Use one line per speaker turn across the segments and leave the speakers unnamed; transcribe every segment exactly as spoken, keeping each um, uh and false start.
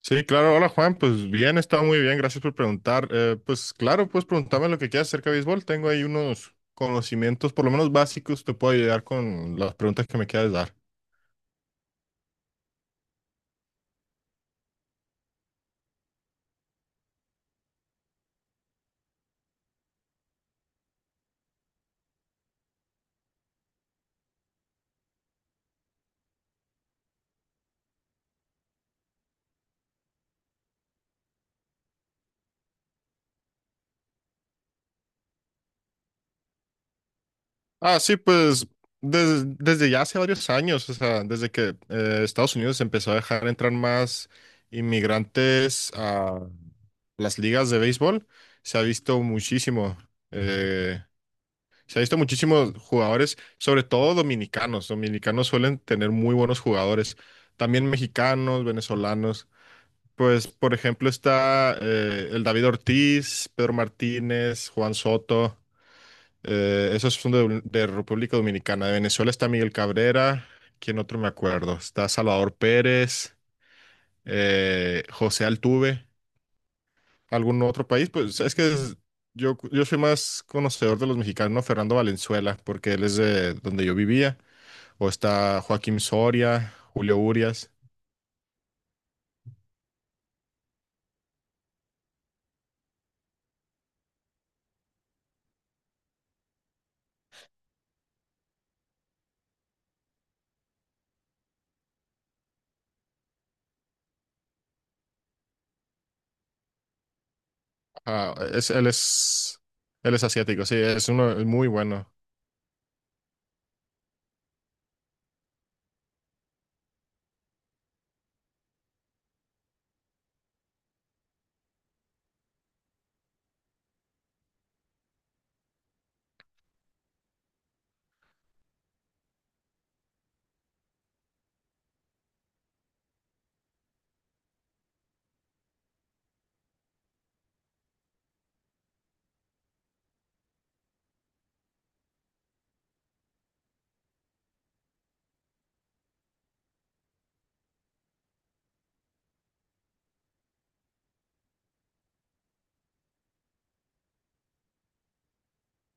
Sí, claro. Hola Juan, pues bien, está muy bien, gracias por preguntar. Eh, pues claro, puedes preguntarme lo que quieras acerca de béisbol. Tengo ahí unos conocimientos, por lo menos básicos, te puedo ayudar con las preguntas que me quieras dar. Ah, sí, pues des- desde ya hace varios años, o sea, desde que eh, Estados Unidos empezó a dejar entrar más inmigrantes a las ligas de béisbol, se ha visto muchísimo. Se ha visto muchísimos jugadores, sobre todo dominicanos. Dominicanos suelen tener muy buenos jugadores. También mexicanos, venezolanos. Pues, por ejemplo, está eh, el David Ortiz, Pedro Martínez, Juan Soto. Eh, esos son de, de República Dominicana. De Venezuela está Miguel Cabrera. ¿Quién otro me acuerdo? Está Salvador Pérez, eh, José Altuve, algún otro país, pues es que es- yo, yo soy más conocedor de los mexicanos, ¿no? Fernando Valenzuela, porque él es de donde yo vivía, o está Joaquín Soria, Julio Urias. Ah, es, él es, él es asiático, sí, es uno es muy bueno.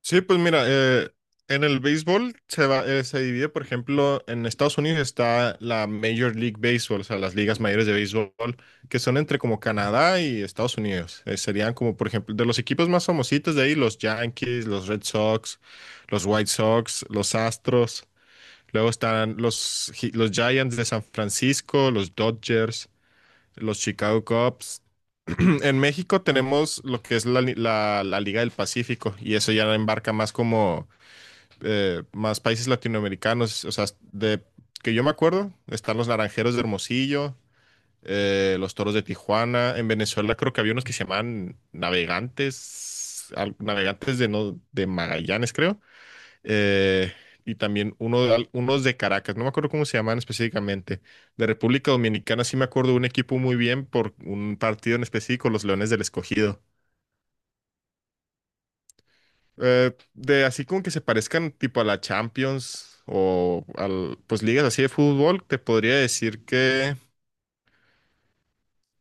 Sí, pues mira, eh, en el béisbol se va, eh, se divide, por ejemplo, en Estados Unidos está la Major League Baseball, o sea, las ligas mayores de béisbol, que son entre como Canadá y Estados Unidos. Eh, serían como, por ejemplo, de los equipos más famositos de ahí, los Yankees, los Red Sox, los White Sox, los Astros. Luego están los, Gi- los Giants de San Francisco, los Dodgers, los Chicago Cubs. En México tenemos lo que es la, li- la la Liga del Pacífico y eso ya embarca más como eh, más países latinoamericanos, o sea, de que yo me acuerdo, están los Naranjeros de Hermosillo, eh, los Toros de Tijuana. En Venezuela creo que había unos que se llamaban Navegantes, al- Navegantes de, no, de Magallanes, creo, eh, y también uno, de al- unos de Caracas, no me acuerdo cómo se llaman específicamente. De República Dominicana sí me acuerdo de un equipo muy bien por un partido en específico, los Leones del Escogido. Eh, de así como que se parezcan tipo a la Champions o al, pues ligas así de fútbol, te podría decir que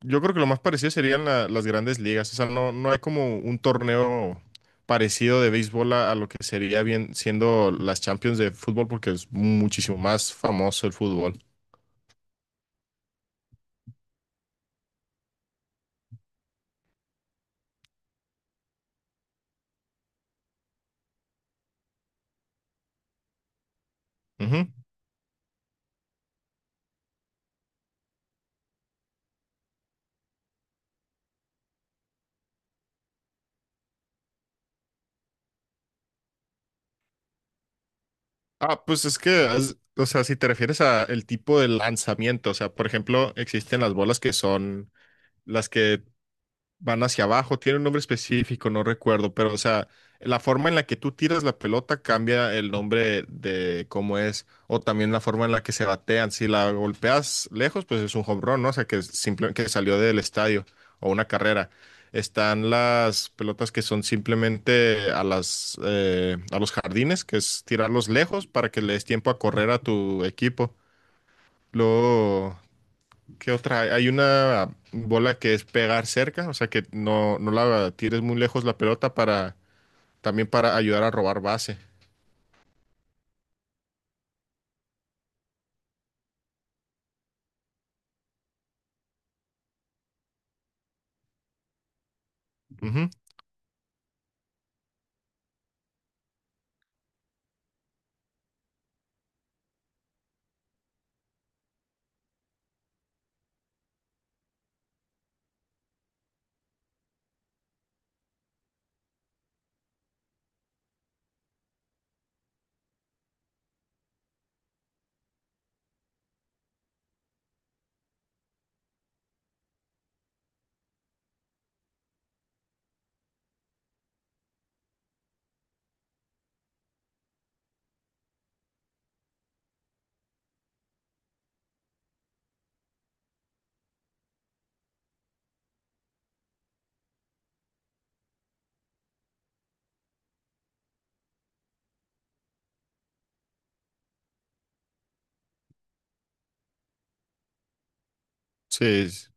yo creo que lo más parecido serían la- las grandes ligas. O sea, no, no hay como un torneo parecido de béisbol a, a lo que sería bien siendo las Champions de fútbol porque es muchísimo más famoso el fútbol. Ujú. Ah, pues es que, haz- o sea, si te refieres a el tipo de lanzamiento, o sea, por ejemplo, existen las bolas que son las que van hacia abajo, tiene un nombre específico, no recuerdo, pero o sea, la forma en la que tú tiras la pelota cambia el nombre de cómo es, o también la forma en la que se batean. Si la golpeas lejos, pues es un home run, ¿no? O sea, que simplemente que salió del estadio o una carrera. Están las pelotas que son simplemente a las eh, a los jardines, que es tirarlos lejos para que le des tiempo a correr a tu equipo. Luego ¿qué otra hay? Hay una bola que es pegar cerca, o sea que no, no la tires muy lejos la pelota para también para ayudar a robar base. Ujú. Sí, es-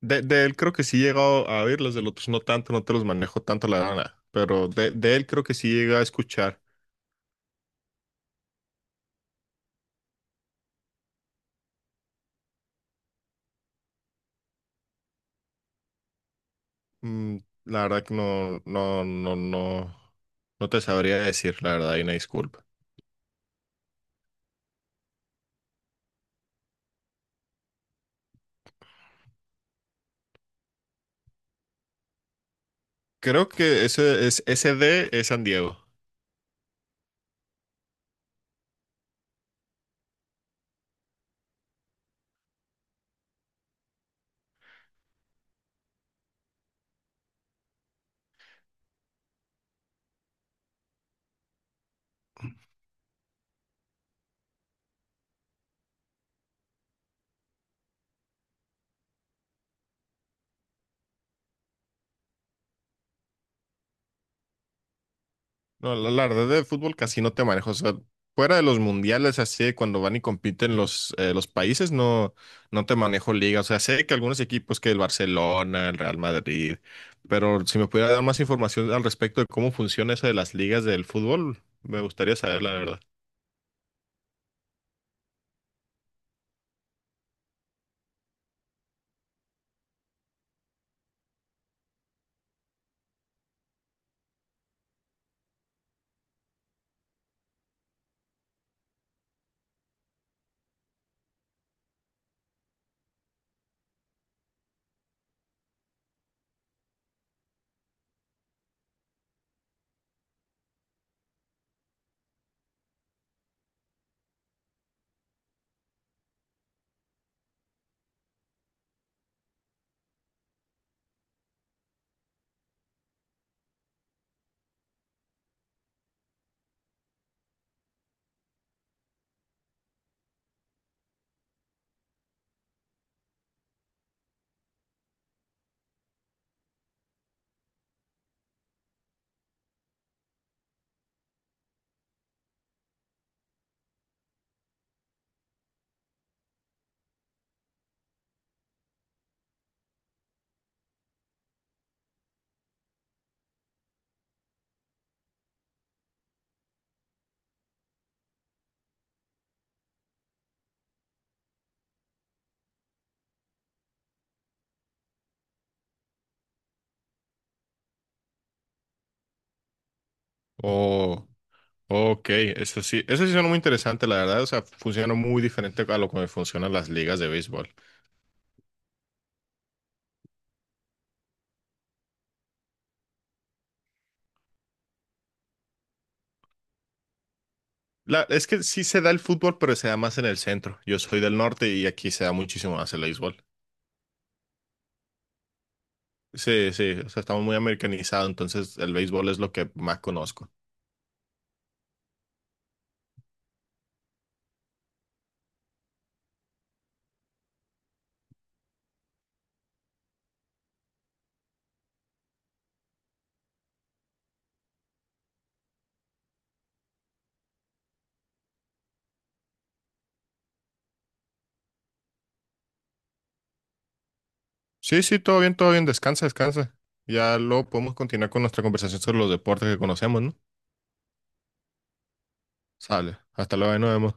de, de él creo que sí he llegado a oír, los del otros no tanto, no te los manejo tanto la gana, pero de, de él creo que sí llega a escuchar. Mm, la verdad que no, no, no, no, no te sabría decir, la verdad, y una disculpa. Creo que ese, es, ese D es San Diego. No, la, la verdad de fútbol casi no te manejo. O sea, fuera de los mundiales, así de cuando van y compiten los, eh, los países, no, no te manejo liga. O sea, sé que algunos equipos que el Barcelona, el Real Madrid, pero si me pudiera dar más información al respecto de cómo funciona eso de las ligas del fútbol, me gustaría saber, la verdad. Oh, ok, eso sí, eso sí suena muy interesante, la verdad. O sea, funciona muy diferente a lo que funcionan las ligas de béisbol. La, es que sí se da el fútbol, pero se da más en el centro. Yo soy del norte y aquí se da muchísimo más el béisbol. Sí, sí, o sea, estamos muy americanizados, entonces el béisbol es lo que más conozco. Sí, sí, todo bien, todo bien, descansa, descansa. Ya luego podemos continuar con nuestra conversación sobre los deportes que conocemos, ¿no? Sale, hasta luego, ahí nos vemos.